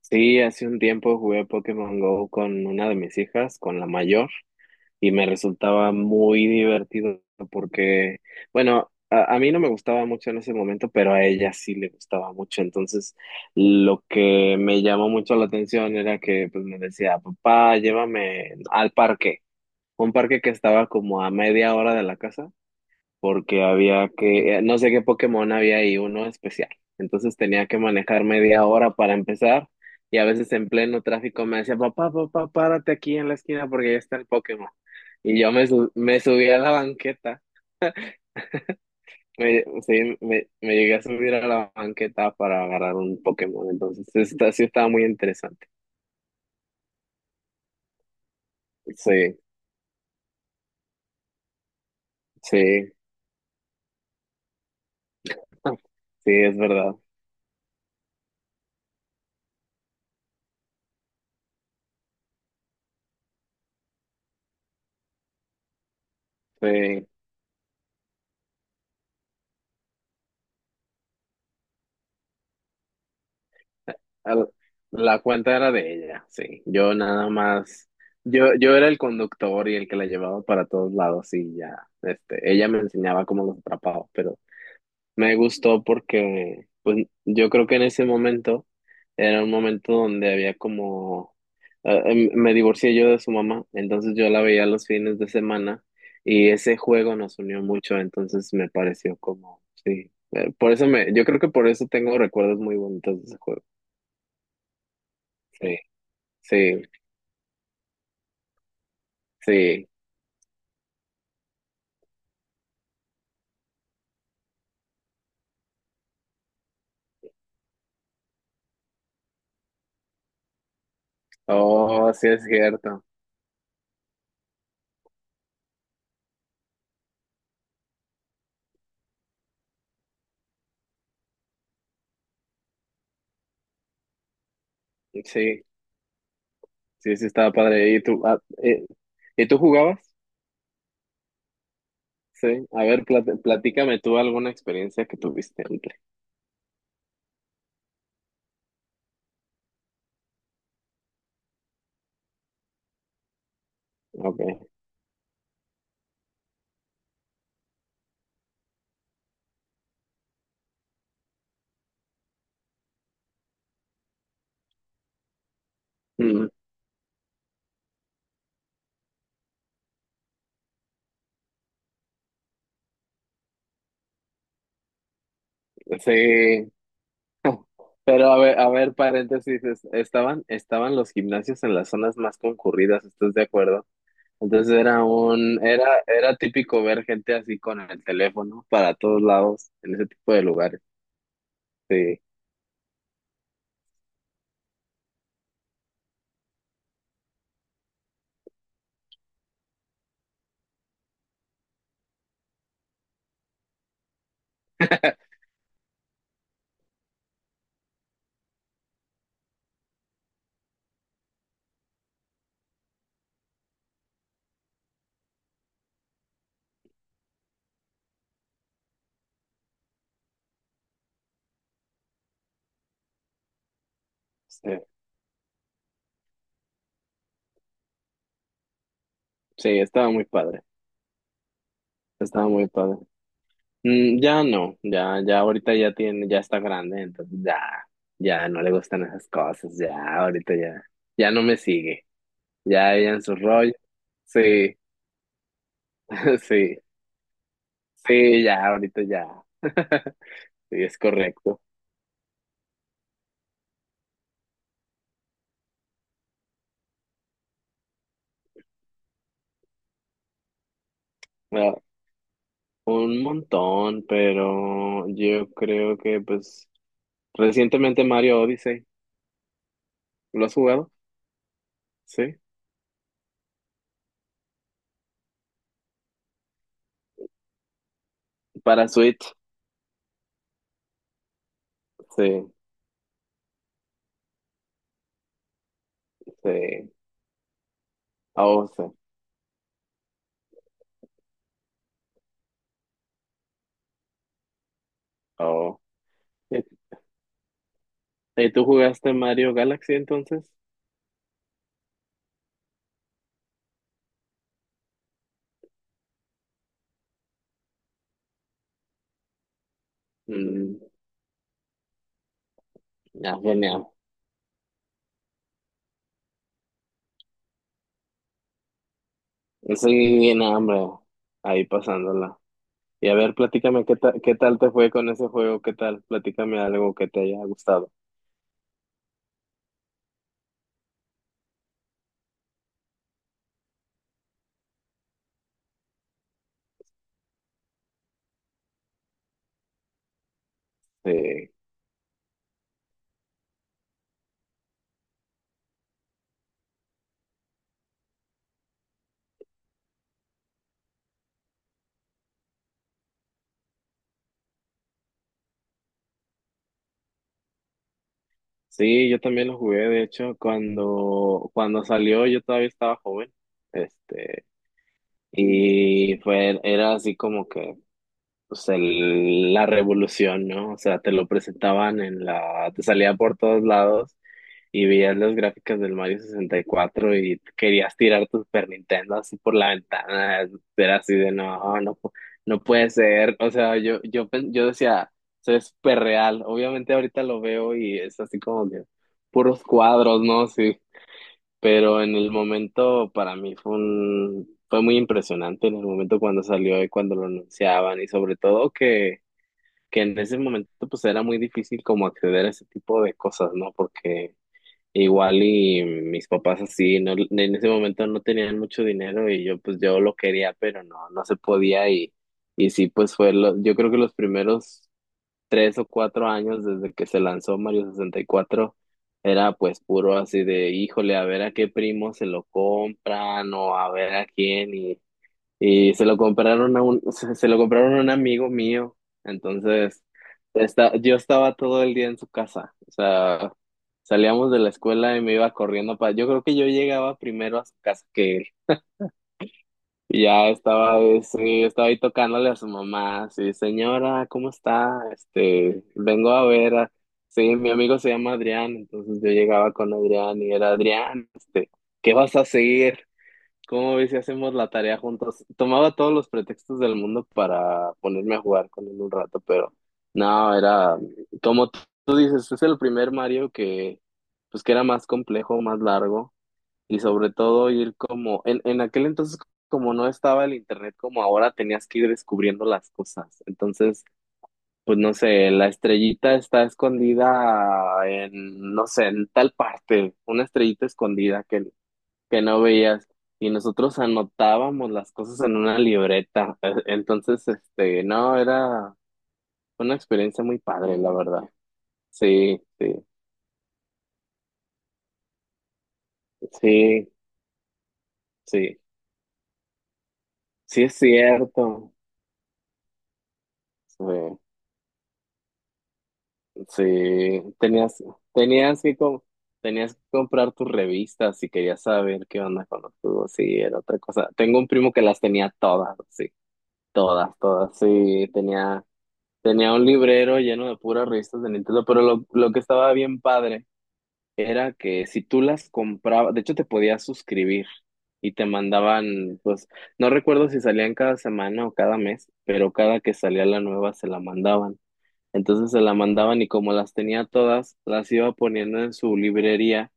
Sí, hace un tiempo jugué Pokémon Go con una de mis hijas, con la mayor, y me resultaba muy divertido porque, bueno, a mí no me gustaba mucho en ese momento, pero a ella sí le gustaba mucho. Entonces, lo que me llamó mucho la atención era que, pues, me decía, papá, llévame al parque, un parque que estaba como a media hora de la casa porque había que, no sé qué Pokémon había ahí, uno especial. Entonces tenía que manejar media hora para empezar, y a veces en pleno tráfico me decía, papá, papá, párate aquí en la esquina porque ya está el Pokémon. Y me subí a la banqueta, sí, me llegué a subir a la banqueta para agarrar un Pokémon. Entonces, sí estaba muy interesante. Sí, sí, sí, es verdad. Sí. Al- La cuenta era de ella, sí. Yo nada más, yo era el conductor y el que la llevaba para todos lados y ya, ella me enseñaba cómo los atrapaba, pero me gustó porque, pues, yo creo que en ese momento era un momento donde había como, me divorcié yo de su mamá, entonces yo la veía los fines de semana y ese juego nos unió mucho. Entonces me pareció como, sí, por eso yo creo que por eso tengo recuerdos muy bonitos de ese juego, sí. Sí, sí. Oh, sí es cierto. Sí, sí, sí estaba padre. ¿Y tú jugabas? Sí. A ver, platícame tú alguna experiencia que tuviste antes. Okay. Mm, sí. Pero a ver, paréntesis, estaban los gimnasios en las zonas más concurridas, ¿estás de acuerdo? Entonces era un, era, era típico ver gente así con el teléfono para todos lados en ese tipo de lugares. Sí, sí, sí, estaba muy padre. Estaba muy padre. Mm, ya no, ya ahorita ya tiene, ya está grande, entonces ya, ya no le gustan esas cosas, ya, ahorita ya, ya no me sigue, ya ella en su rollo, sí, sí, sí, ya, ahorita ya, sí, es correcto. Ah, un montón, pero yo creo que, pues, recientemente Mario Odyssey, ¿lo has jugado? Sí, para Switch, sí, sí, oh, sí, oh. ¿Y tú jugaste Mario Galaxy entonces? Mm, ya, genial. Eso bien hambre, ahí pasándola. Y a ver, platícame qué tal te fue con ese juego, qué tal, platícame algo que te haya gustado. Sí, sí, yo también lo jugué, de hecho, cuando salió yo todavía estaba joven, este, y era así como que, pues, la revolución, ¿no? O sea, te lo presentaban en te salía por todos lados y veías las gráficas del Mario 64 y cuatro, y querías tirar tu Super Nintendo así por la ventana. Era así de no, no, no puede ser. O sea, yo decía, eso es súper real. Obviamente ahorita lo veo y es así como que puros cuadros, ¿no? Sí, pero en el momento para mí fue un, fue muy impresionante en el momento cuando salió y cuando lo anunciaban, y sobre todo que en ese momento pues era muy difícil como acceder a ese tipo de cosas, ¿no? Porque igual y mis papás así, no, en ese momento no tenían mucho dinero y yo, pues, yo lo quería, pero no, no se podía. Y sí, pues fue, yo creo que los primeros 3 o 4 años desde que se lanzó Mario 64 era pues puro así de, híjole, a ver a qué primo se lo compran, o a ver a quién, y se lo compraron a un, se lo compraron a un amigo mío. Entonces, yo estaba todo el día en su casa. O sea, salíamos de la escuela y me iba corriendo para. Yo creo que yo llegaba primero a su casa que él. Y ya estaba, sí, estaba ahí tocándole a su mamá. Sí, señora, ¿cómo está? Este, vengo a ver a- Sí, mi amigo se llama Adrián. Entonces yo llegaba con Adrián y era Adrián, este, ¿qué vas a seguir? ¿Cómo ves si hacemos la tarea juntos? Tomaba todos los pretextos del mundo para ponerme a jugar con él un rato, pero no, era como tú dices, es el primer Mario que, pues, que era más complejo, más largo, y sobre todo, ir como en aquel entonces, como no estaba el internet como ahora, tenías que ir descubriendo las cosas. Entonces, pues, no sé, la estrellita está escondida en, no sé, en tal parte, una estrellita escondida que no veías, y nosotros anotábamos las cosas en una libreta. Entonces, no, era una experiencia muy padre, la verdad. Sí, sí, sí, sí, sí es cierto. Sí, sí, tenías que com- tenías que comprar tus revistas si querías saber qué onda con los tubos. Sí, era otra cosa. Tengo un primo que las tenía todas, sí, todas, todas, sí, Tenía un librero lleno de puras revistas de Nintendo, pero lo que estaba bien padre era que si tú las comprabas, de hecho te podías suscribir y te mandaban, pues, no recuerdo si salían cada semana o cada mes, pero cada que salía la nueva se la mandaban. Entonces se la mandaban, y como las tenía todas, las iba poniendo en su librería,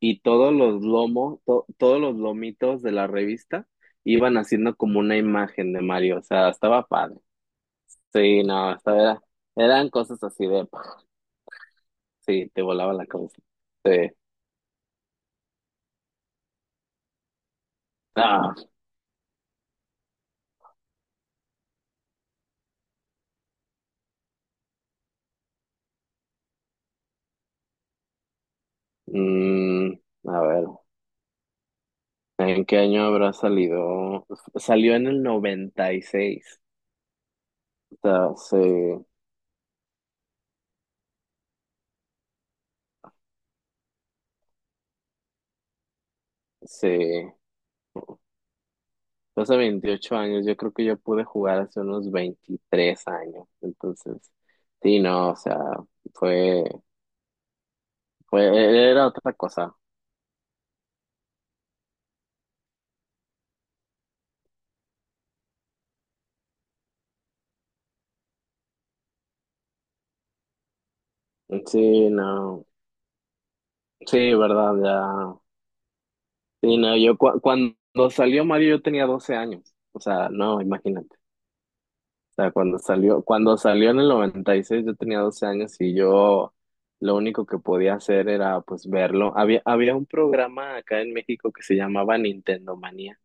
y todos los lomos, todos los lomitos de la revista iban haciendo como una imagen de Mario. O sea, estaba padre. Sí, no, o sea, eran cosas así de, sí, te volaba la cabeza. Sí. Ah, mm, a ver, ¿en qué año habrá salido? Salió en el noventa y seis. O sea, se, hace 28 años, yo creo que yo pude jugar hace unos 23 años. Entonces, sí, no, o sea, fue, era otra cosa. Sí, no, sí, verdad, ya. Sí, no, yo cuando salió Mario yo tenía 12 años. O sea, no, imagínate. O sea, cuando salió, en el 96 yo tenía 12 años, y yo lo único que podía hacer era pues verlo. Había, había un programa acá en México que se llamaba Nintendo Manía,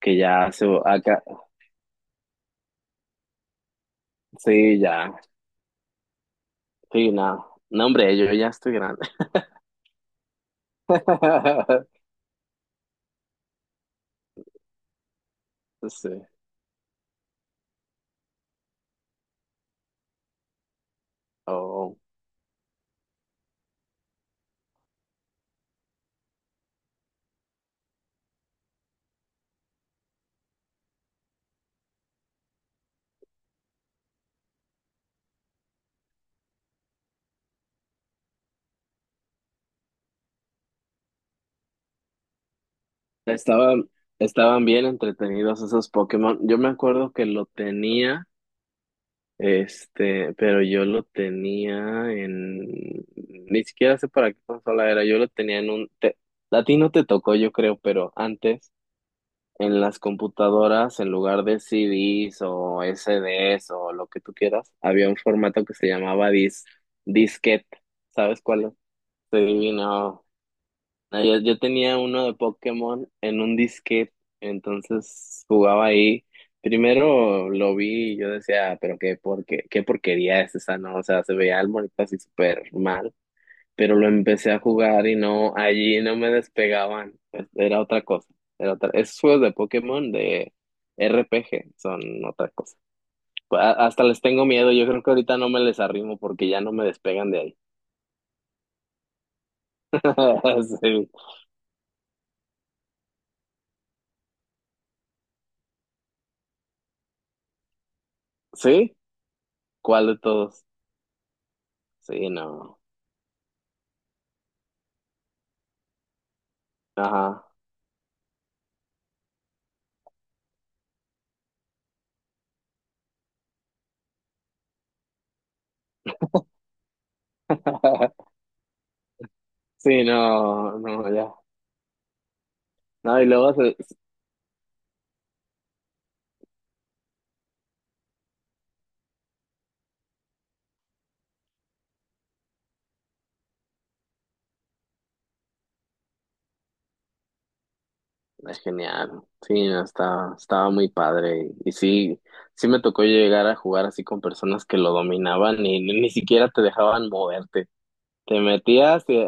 que ya se, acá, sí, ya, sí, no, no, hombre, yo ya estoy grande. Sí, oh, estaban, estaban bien entretenidos esos Pokémon. Yo me acuerdo que lo tenía. Este, pero yo lo tenía en, ni siquiera sé para qué consola era. Yo lo tenía en a ti no te tocó, yo creo, pero antes en las computadoras, en lugar de CDs o SDs o lo que tú quieras, había un formato que se llamaba disquete, ¿sabes cuál es? Se No, yo tenía uno de Pokémon en un disquete, entonces jugaba ahí. Primero lo vi y yo decía, "Ah, pero qué, qué porquería es esa, ¿no?" O sea, se veía el monito así súper mal, pero lo empecé a jugar y no, allí no me despegaban. Era otra cosa. Era otra. Esos juegos de Pokémon de RPG son otra cosa. Hasta les tengo miedo. Yo creo que ahorita no me les arrimo porque ya no me despegan de ahí. Sí. ¿Sí? ¿Cuál de todos? Sí, no. Ajá. Sí, no, no, ya. No, y luego es genial. Sí, no, estaba muy padre. Y sí, sí me tocó llegar a jugar así con personas que lo dominaban y ni, ni siquiera te dejaban moverte. Te metías y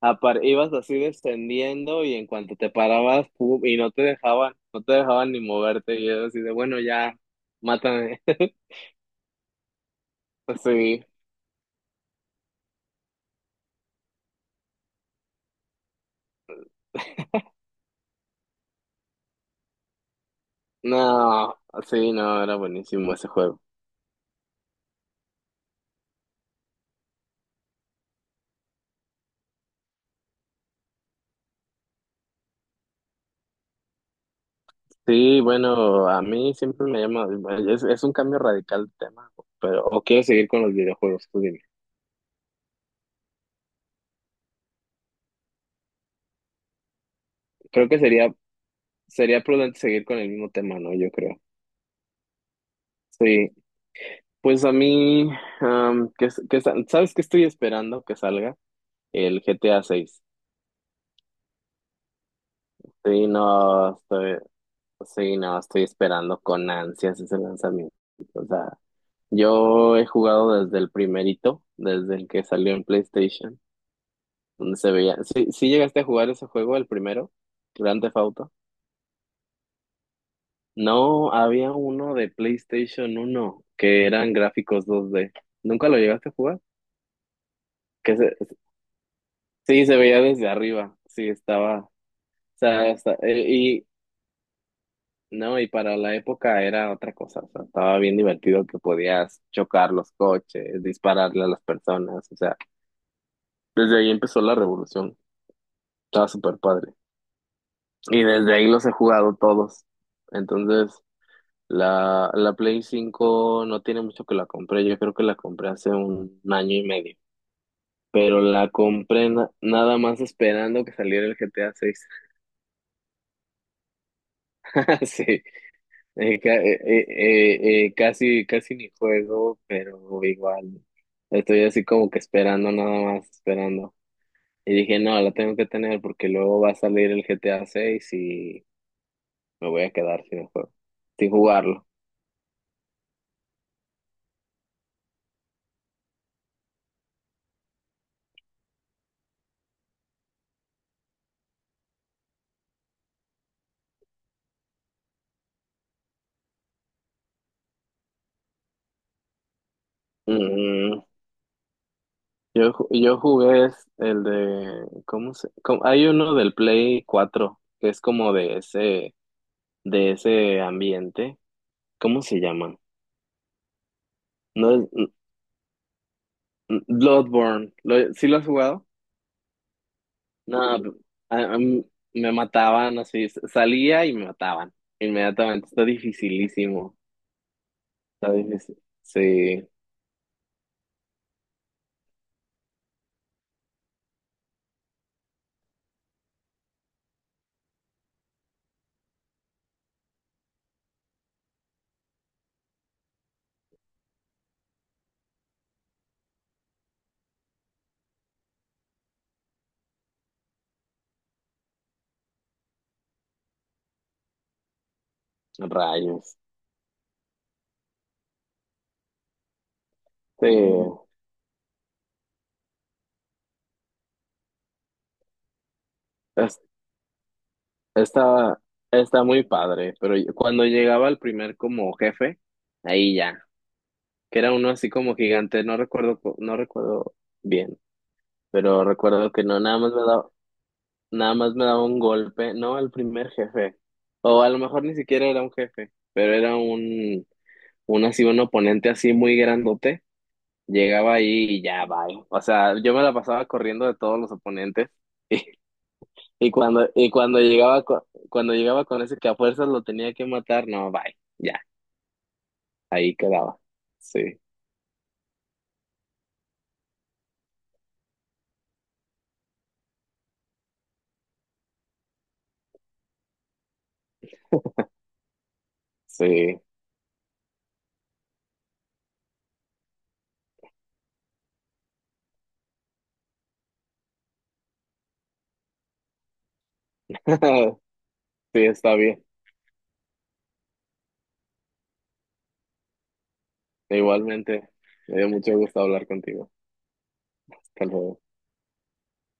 ibas así descendiendo, y en cuanto te parabas, pum, y no te dejaban, no te dejaban ni moverte. Y yo así de, bueno, ya, mátame. Sí. No, sí, no, era buenísimo ese juego. Sí, bueno, a mí siempre me llama, bueno, es un cambio radical de tema, pero o quiero seguir con los videojuegos, tú dime. Creo que sería prudente seguir con el mismo tema, ¿no? Yo creo. Sí, pues a mí, am, que, que, ¿sabes qué estoy esperando que salga? El GTA 6. Sí, no, estoy, sí, no, estoy esperando con ansias ese lanzamiento. O sea, yo he jugado desde el primerito, desde el que salió en PlayStation, donde se veía. Sí, sí llegaste a jugar ese juego, el primero, Grand Theft Auto. No, había uno de PlayStation uno que eran gráficos dos d. ¿Nunca lo llegaste a jugar? Que se, sí, se veía desde arriba. Sí, estaba. O sea, y no, y para la época era otra cosa. O sea, estaba bien divertido que podías chocar los coches, dispararle a las personas. O sea, desde ahí empezó la revolución. Estaba súper padre. Y desde ahí los he jugado todos. Entonces. La Play 5 no tiene mucho que la compré, yo creo que la compré hace año y medio, pero la compré nada más esperando que saliera el GTA 6. Sí, casi, casi ni juego, pero igual estoy así como que esperando, nada más esperando. Y dije, no, la tengo que tener porque luego va a salir el GTA 6 y me voy a quedar sin el juego, sin jugarlo. Yo jugué es el de, ¿cómo se? Hay uno del Play 4 que es como de ese ambiente. ¿Cómo se llama? No es Bloodborne. ¿Lo- ¿sí lo has jugado? No, a mí me mataban así, salía y me mataban inmediatamente. Está dificilísimo. Está difícil. Sí, rayos. Sí, es- está, está muy padre, pero yo- cuando llegaba el primer como jefe, ahí ya. Que era uno así como gigante, no recuerdo, no recuerdo bien, pero recuerdo que no, nada más me daba un golpe, no al primer jefe, o a lo mejor ni siquiera era un jefe, pero era un oponente así muy grandote. Llegaba ahí y ya, bye. O sea, yo me la pasaba corriendo de todos los oponentes. Y cuando, cuando llegaba con ese que a fuerzas lo tenía que matar, no, bye, ya, ahí quedaba. Sí, sí. Sí, está bien. Igualmente, me dio mucho gusto hablar contigo. Hasta luego.